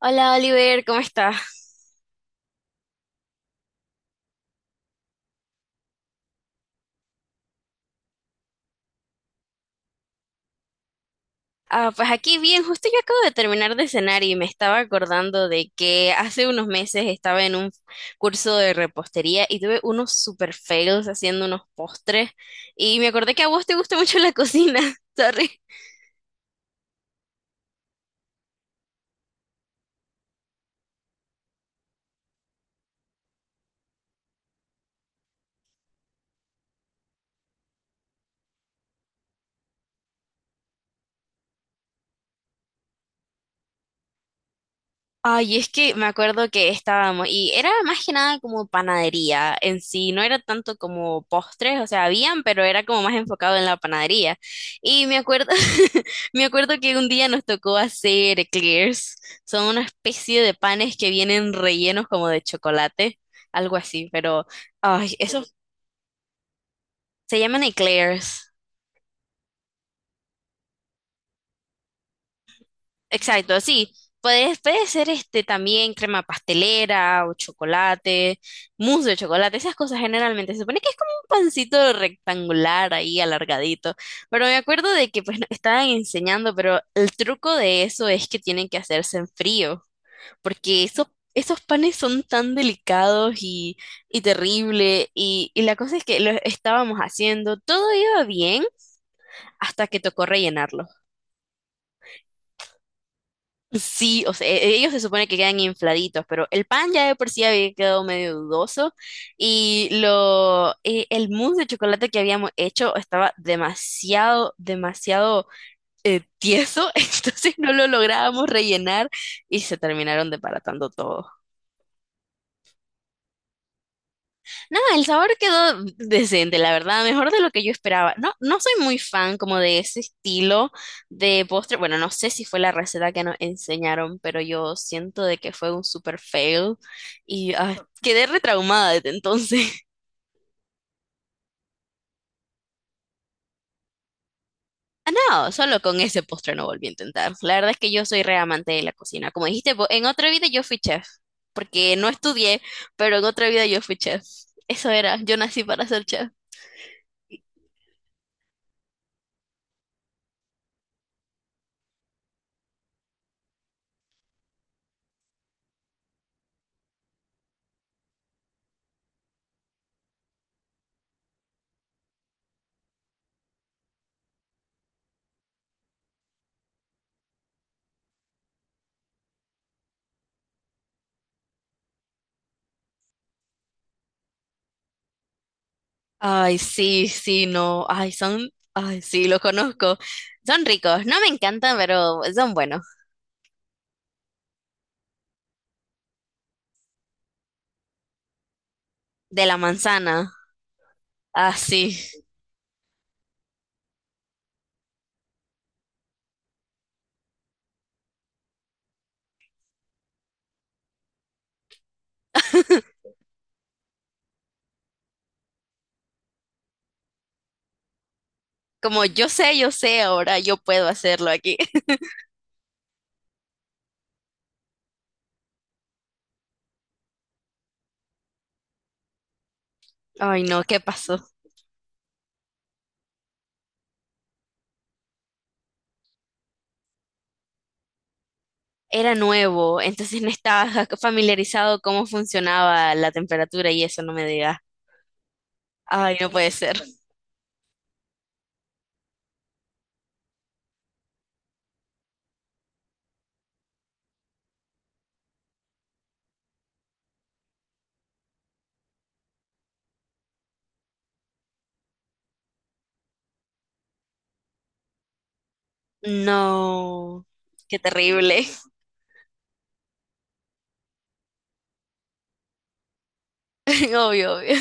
Hola Oliver, ¿cómo estás? Ah, pues aquí bien, justo yo acabo de terminar de cenar y me estaba acordando de que hace unos meses estaba en un curso de repostería y tuve unos super fails haciendo unos postres y me acordé que a vos te gusta mucho la cocina, sorry. Ay, es que me acuerdo que estábamos, y era más que nada como panadería en sí, no era tanto como postres, o sea, habían, pero era como más enfocado en la panadería. Y me acuerdo, me acuerdo que un día nos tocó hacer eclairs, son una especie de panes que vienen rellenos como de chocolate, algo así, pero, ay, eso se llaman eclairs. Exacto, sí. Puede ser este también crema pastelera o chocolate, mousse de chocolate, esas cosas generalmente. Se supone que es como un pancito rectangular ahí alargadito. Pero me acuerdo de que pues nos estaban enseñando, pero el truco de eso es que tienen que hacerse en frío, porque esos panes son tan delicados y terrible. Y la cosa es que lo estábamos haciendo, todo iba bien hasta que tocó rellenarlo. Sí, o sea, ellos se supone que quedan infladitos, pero el pan ya de por sí había quedado medio dudoso y lo, el mousse de chocolate que habíamos hecho estaba demasiado, tieso, entonces no lo lográbamos rellenar y se terminaron desbaratando todo. No, el sabor quedó decente, la verdad, mejor de lo que yo esperaba. No, no soy muy fan como de ese estilo de postre. Bueno, no sé si fue la receta que nos enseñaron, pero yo siento de que fue un super fail y ah, quedé retraumada desde entonces. Ah, no, solo con ese postre no volví a intentar. La verdad es que yo soy re amante de la cocina. Como dijiste, vos, en otra vida yo fui chef, porque no estudié, pero en otra vida yo fui chef. Eso era, yo nací para ser chef. Ay, sí, sí, no. Ay, son. Ay, sí, lo conozco. Son ricos. No me encantan, pero son buenos. De la manzana. Ah, sí. Como yo sé, ahora yo puedo hacerlo aquí. Ay, no, ¿qué pasó? Era nuevo, entonces no estaba familiarizado cómo funcionaba la temperatura y eso no me digas. Ay, no puede ser. No, qué terrible. Obvio, obvio.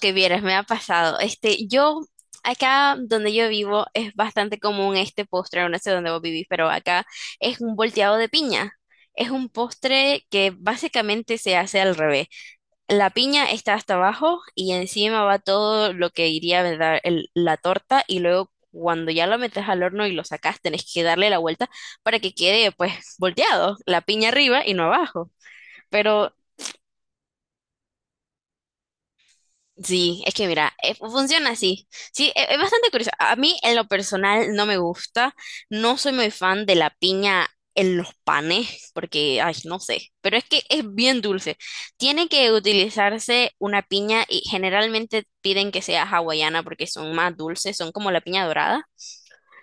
Que vieras, me ha pasado. Este, yo, acá donde yo vivo es bastante común este postre, no sé dónde vos vivís, pero acá es un volteado de piña. Es un postre que básicamente se hace al revés. La piña está hasta abajo y encima va todo lo que iría ¿verdad? La torta y luego cuando ya lo metes al horno y lo sacas, tenés que darle la vuelta para que quede pues volteado, la piña arriba y no abajo. Pero sí, es que mira, funciona así. Sí, es, bastante curioso. A mí en lo personal no me gusta, no soy muy fan de la piña en los panes, porque, ay, no sé, pero es que es bien dulce. Tiene que utilizarse una piña y generalmente piden que sea hawaiana porque son más dulces, son como la piña dorada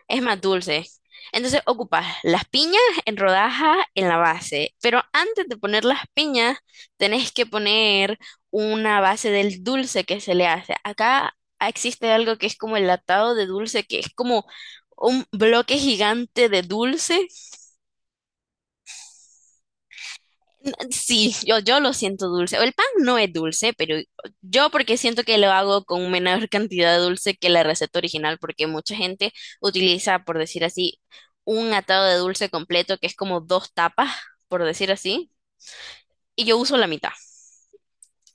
es más dulce. Entonces ocupas las piñas en rodajas en la base, pero antes de poner las piñas tenés que poner una base del dulce que se le hace. Acá existe algo que es como el atado de dulce, que es como un bloque gigante de dulce. Sí, yo lo siento dulce. El pan no es dulce, pero yo porque siento que lo hago con menor cantidad de dulce que la receta original, porque mucha gente utiliza, por decir así, un atado de dulce completo que es como dos tapas, por decir así, y yo uso la mitad.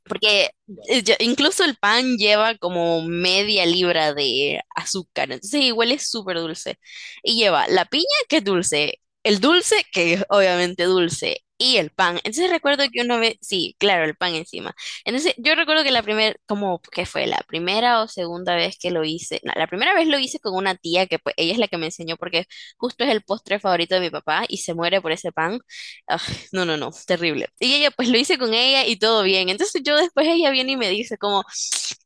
Porque incluso el pan lleva como media libra de azúcar, entonces igual es súper dulce. Y lleva la piña, que es dulce, el dulce, que es obviamente dulce, y el pan. Entonces recuerdo que una vez, sí, claro, el pan encima. Entonces yo recuerdo que la primera, como que fue la primera o segunda vez que lo hice, no, la primera vez lo hice con una tía que pues ella es la que me enseñó porque justo es el postre favorito de mi papá y se muere por ese pan, no, no, no, terrible. Y ella, pues lo hice con ella y todo bien. Entonces yo después ella viene y me dice como,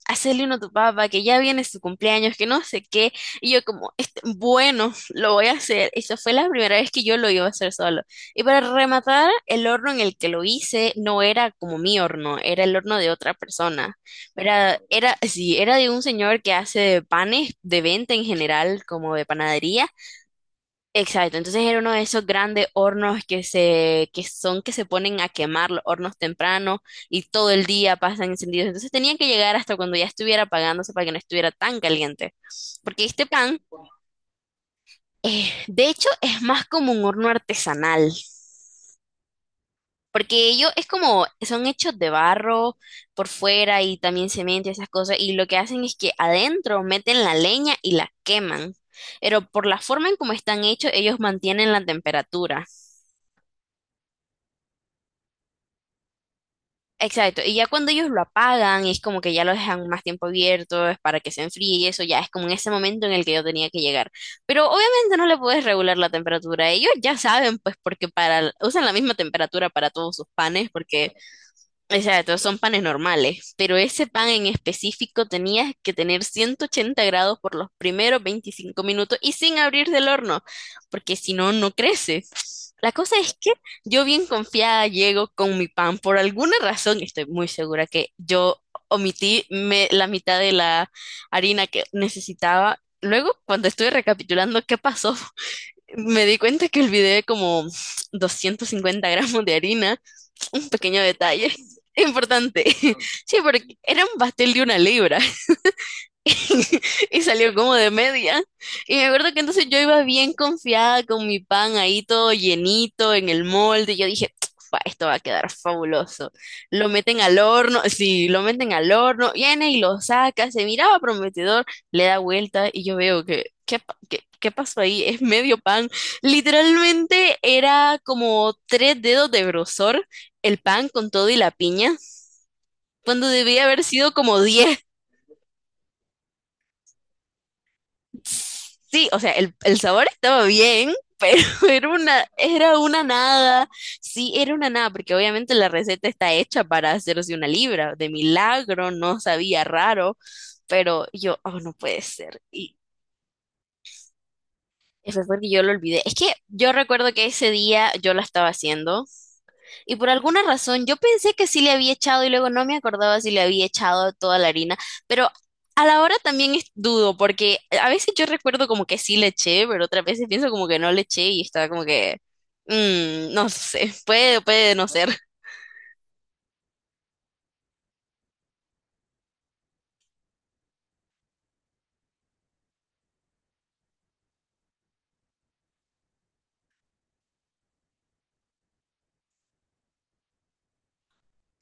hacerle uno a tu papá, que ya viene su cumpleaños, que no sé qué. Y yo como, este, bueno, lo voy a hacer. Esa fue la primera vez que yo lo iba a hacer solo. Y para rematar, el horno en el que lo hice no era como mi horno, era el horno de otra persona. Era de un señor que hace panes de venta en general, como de panadería. Exacto, entonces era uno de esos grandes hornos que se, que son que se ponen a quemar los hornos temprano y todo el día pasan encendidos. Entonces tenían que llegar hasta cuando ya estuviera apagándose para que no estuviera tan caliente. Porque este pan, de hecho, es más como un horno artesanal. Porque ellos es como, son hechos de barro por fuera y también cemento y esas cosas. Y lo que hacen es que adentro meten la leña y la queman. Pero por la forma en cómo están hechos, ellos mantienen la temperatura. Exacto, y ya cuando ellos lo apagan, es como que ya lo dejan más tiempo abierto, es para que se enfríe y eso ya es como en ese momento en el que yo tenía que llegar. Pero obviamente no le puedes regular la temperatura, ellos ya saben pues porque para, usan la misma temperatura para todos sus panes, porque exacto, son panes normales, pero ese pan en específico tenías que tener 180 grados por los primeros 25 minutos y sin abrir del horno, porque si no, no crece. La cosa es que yo bien confiada llego con mi pan. Por alguna razón, estoy muy segura que yo omití la mitad de la harina que necesitaba. Luego, cuando estuve recapitulando qué pasó, me di cuenta que olvidé como 250 gramos de harina, un pequeño detalle importante. Sí, porque era un pastel de una libra. Y salió como de media. Y me acuerdo que entonces yo iba bien confiada con mi pan ahí todo llenito en el molde. Y yo dije, "Fa, esto va a quedar fabuloso". Lo meten al horno, sí, lo meten al horno, viene y lo saca, se miraba prometedor, le da vuelta y yo veo que, ¿qué, qué, qué pasó ahí? Es medio pan. Literalmente era como tres dedos de grosor el pan con todo y la piña, cuando debía haber sido como diez. Sí, o sea, el sabor estaba bien, pero era era una nada. Sí, era una nada, porque obviamente la receta está hecha para hacerse una libra. De milagro, no sabía raro, pero yo, oh, no puede ser. Y fue porque yo lo olvidé. Es que yo recuerdo que ese día yo la estaba haciendo. Y por alguna razón yo pensé que sí le había echado y luego no me acordaba si le había echado toda la harina, pero a la hora también dudo porque a veces yo recuerdo como que sí le eché, pero otras veces pienso como que no le eché y estaba como que, mm, no sé, puede no ser.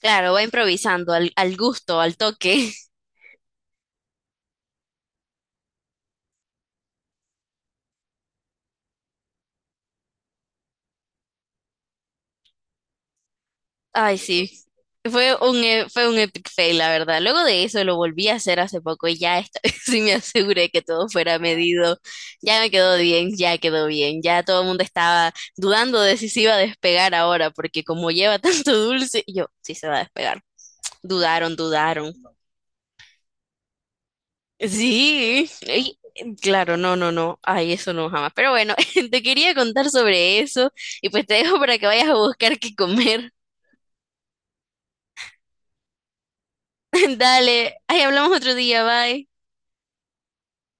Claro, va improvisando al, al gusto, al toque. Ay, sí. Fue un, fue un epic fail, la verdad. Luego de eso lo volví a hacer hace poco y ya esta vez sí me aseguré que todo fuera medido. Ya me quedó bien. Ya todo el mundo estaba dudando de si se iba a despegar ahora, porque como lleva tanto dulce, y yo sí se va a despegar. Dudaron, dudaron. Sí, y- claro, no, no, no. Ay, eso no jamás. Pero bueno, te quería contar sobre eso y pues te dejo para que vayas a buscar qué comer. Dale, ay, hablamos otro día, bye.